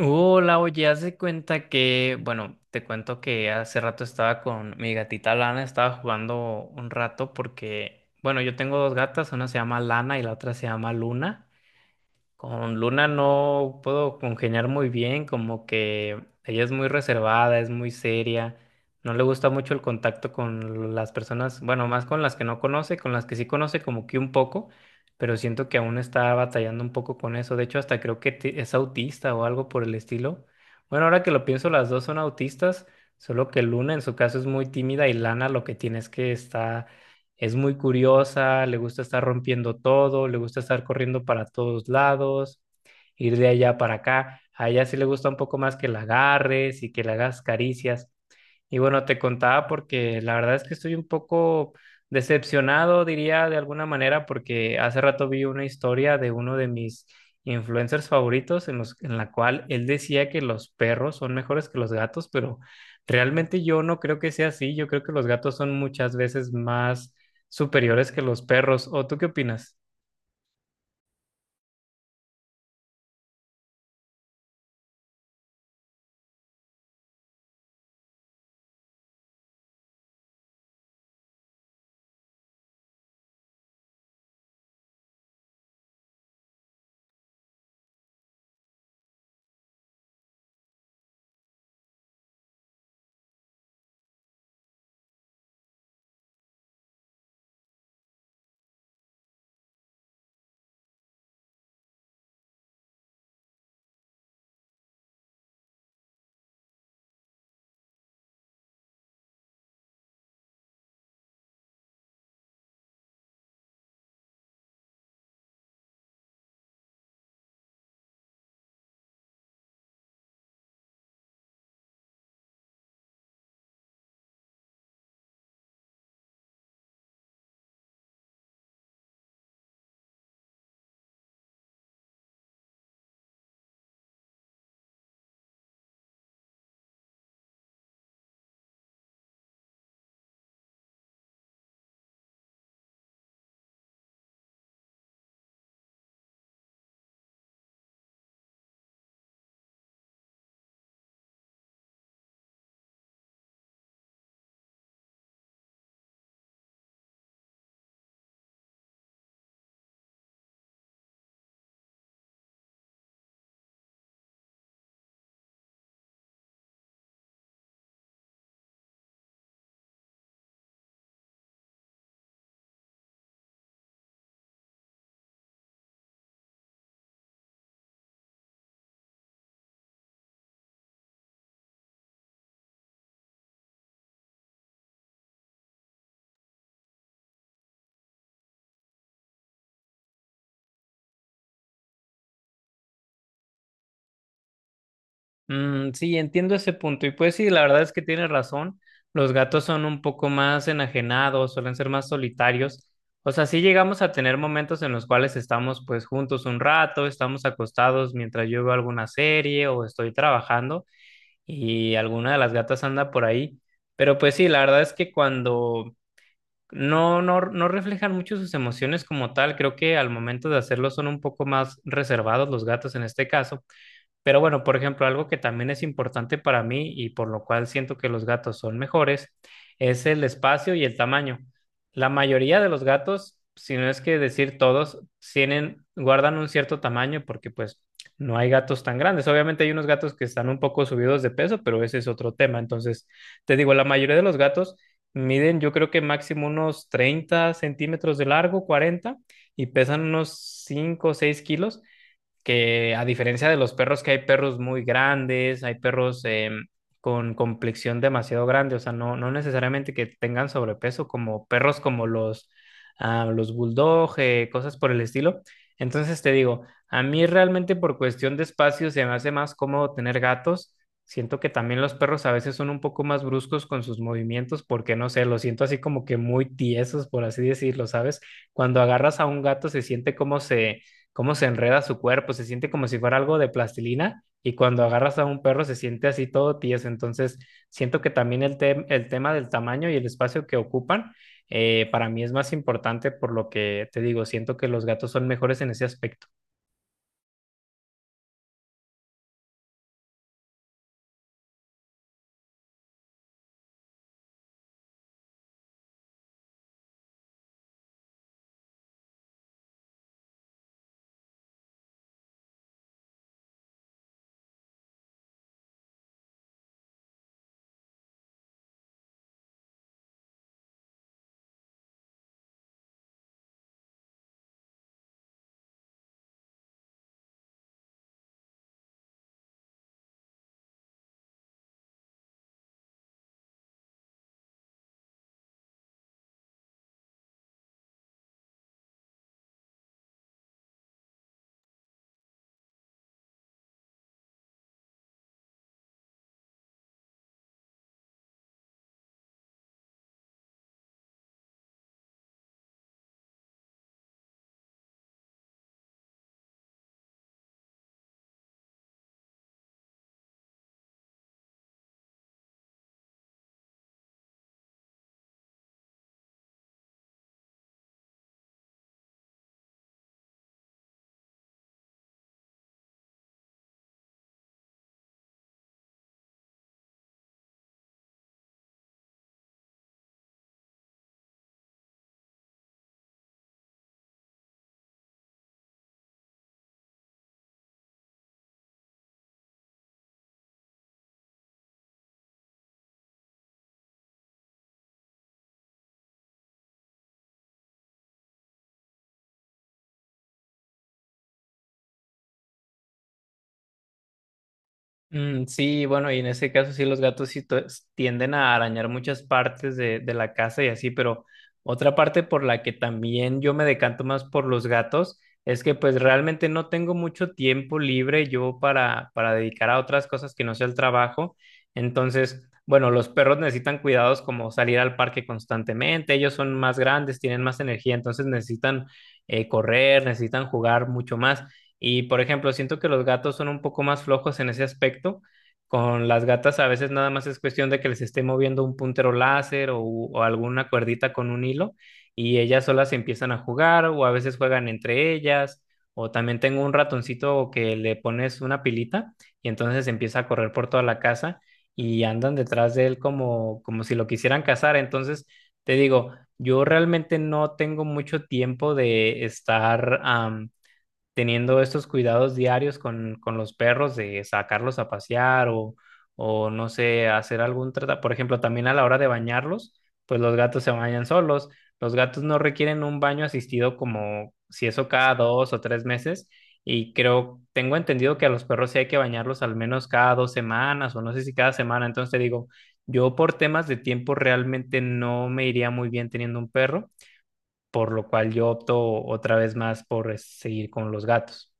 Hola, oye, haz de cuenta que, bueno, te cuento que hace rato estaba con mi gatita Lana, estaba jugando un rato porque, bueno, yo tengo dos gatas, una se llama Lana y la otra se llama Luna. Con Luna no puedo congeniar muy bien, como que ella es muy reservada, es muy seria, no le gusta mucho el contacto con las personas, bueno, más con las que no conoce, con las que sí conoce como que un poco, pero siento que aún está batallando un poco con eso. De hecho, hasta creo que es autista o algo por el estilo. Bueno, ahora que lo pienso, las dos son autistas, solo que Luna en su caso es muy tímida y Lana lo que tiene es que está es muy curiosa, le gusta estar rompiendo todo, le gusta estar corriendo para todos lados, ir de allá para acá. A ella sí le gusta un poco más que la agarres y que le hagas caricias. Y bueno, te contaba porque la verdad es que estoy un poco decepcionado, diría de alguna manera, porque hace rato vi una historia de uno de mis influencers favoritos en la cual él decía que los perros son mejores que los gatos, pero realmente yo no creo que sea así. Yo creo que los gatos son muchas veces más superiores que los perros. ¿O tú qué opinas? Mm, sí, entiendo ese punto. Y pues sí, la verdad es que tienes razón. Los gatos son un poco más enajenados, suelen ser más solitarios. O sea, sí llegamos a tener momentos en los cuales estamos pues juntos un rato, estamos acostados mientras yo veo alguna serie o estoy trabajando y alguna de las gatas anda por ahí. Pero pues sí, la verdad es que cuando no reflejan mucho sus emociones como tal, creo que al momento de hacerlo son un poco más reservados los gatos en este caso. Pero bueno, por ejemplo, algo que también es importante para mí y por lo cual siento que los gatos son mejores es el espacio y el tamaño. La mayoría de los gatos, si no es que decir todos, tienen, guardan un cierto tamaño porque pues no hay gatos tan grandes. Obviamente hay unos gatos que están un poco subidos de peso, pero ese es otro tema. Entonces, te digo, la mayoría de los gatos miden yo creo que máximo unos 30 centímetros de largo, 40, y pesan unos 5 o 6 kilos, que a diferencia de los perros, que hay perros muy grandes, hay perros con complexión demasiado grande, o sea, no, no necesariamente que tengan sobrepeso, como perros como los bulldog, cosas por el estilo. Entonces te digo, a mí realmente por cuestión de espacio se me hace más cómodo tener gatos. Siento que también los perros a veces son un poco más bruscos con sus movimientos porque no sé, los siento así como que muy tiesos, por así decirlo, ¿sabes? Cuando agarras a un gato se siente como se cómo se enreda su cuerpo, se siente como si fuera algo de plastilina y cuando agarras a un perro se siente así todo tieso. Entonces, siento que también el tema del tamaño y el espacio que ocupan para mí es más importante por lo que te digo, siento que los gatos son mejores en ese aspecto. Mm, sí, bueno, y en ese caso sí los gatos sí tienden a arañar muchas partes de la casa y así, pero otra parte por la que también yo me decanto más por los gatos es que pues realmente no tengo mucho tiempo libre yo para dedicar a otras cosas que no sea el trabajo. Entonces, bueno, los perros necesitan cuidados como salir al parque constantemente, ellos son más grandes, tienen más energía, entonces necesitan correr, necesitan jugar mucho más. Y por ejemplo, siento que los gatos son un poco más flojos en ese aspecto. Con las gatas a veces nada más es cuestión de que les esté moviendo un puntero láser o alguna cuerdita con un hilo y ellas solas empiezan a jugar o a veces juegan entre ellas. O también tengo un ratoncito que le pones una pilita y entonces empieza a correr por toda la casa y andan detrás de él como, como si lo quisieran cazar. Entonces, te digo, yo realmente no tengo mucho tiempo de estar teniendo estos cuidados diarios con los perros de sacarlos a pasear o no sé, hacer algún tratamiento. Por ejemplo, también a la hora de bañarlos, pues los gatos se bañan solos. Los gatos no requieren un baño asistido como si eso cada 2 o 3 meses. Y creo, tengo entendido que a los perros sí hay que bañarlos al menos cada 2 semanas o no sé si cada semana. Entonces te digo, yo por temas de tiempo realmente no me iría muy bien teniendo un perro, por lo cual yo opto otra vez más por seguir con los gatos.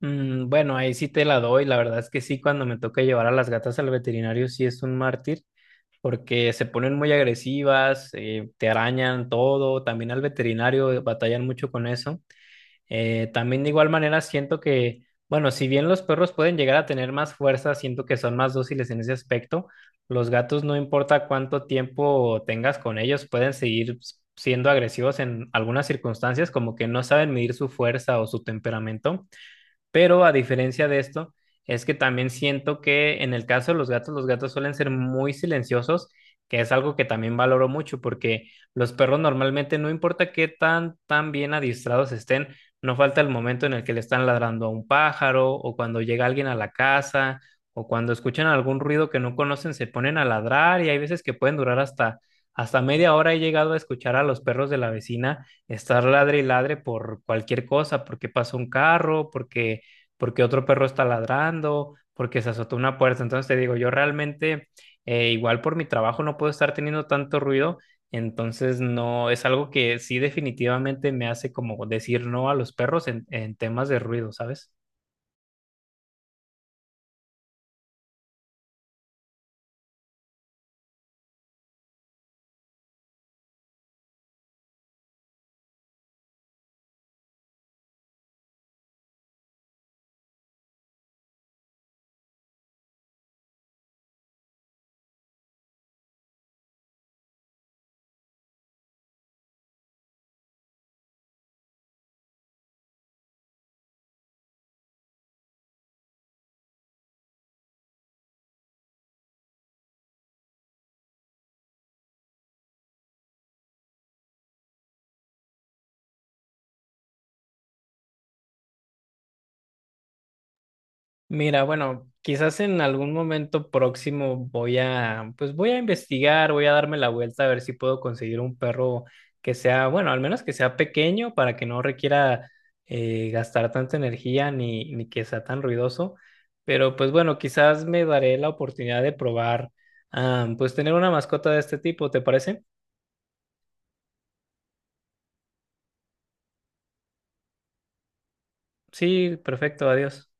Mm, bueno, ahí sí te la doy. La verdad es que sí, cuando me toca llevar a las gatas al veterinario, sí es un mártir, porque se ponen muy agresivas, te arañan todo. También al veterinario batallan mucho con eso. También de igual manera siento que, bueno, si bien los perros pueden llegar a tener más fuerza, siento que son más dóciles en ese aspecto. Los gatos, no importa cuánto tiempo tengas con ellos, pueden seguir siendo agresivos en algunas circunstancias, como que no saben medir su fuerza o su temperamento. Pero a diferencia de esto, es que también siento que en el caso de los gatos suelen ser muy silenciosos, que es algo que también valoro mucho, porque los perros normalmente, no importa qué tan bien adiestrados estén, no falta el momento en el que le están ladrando a un pájaro, o cuando llega alguien a la casa, o cuando escuchan algún ruido que no conocen, se ponen a ladrar, y hay veces que pueden durar hasta media hora. He llegado a escuchar a los perros de la vecina estar ladre y ladre por cualquier cosa, porque pasó un carro, porque otro perro está ladrando, porque se azotó una puerta. Entonces te digo, yo realmente, igual por mi trabajo no puedo estar teniendo tanto ruido, entonces no, es algo que sí definitivamente me hace como decir no a los perros en temas de ruido, ¿sabes? Mira, bueno, quizás en algún momento próximo voy a, pues voy a investigar, voy a darme la vuelta a ver si puedo conseguir un perro que sea, bueno, al menos que sea pequeño para que no requiera gastar tanta energía ni que sea tan ruidoso. Pero pues bueno, quizás me daré la oportunidad de probar, pues tener una mascota de este tipo, ¿te parece? Sí, perfecto, adiós.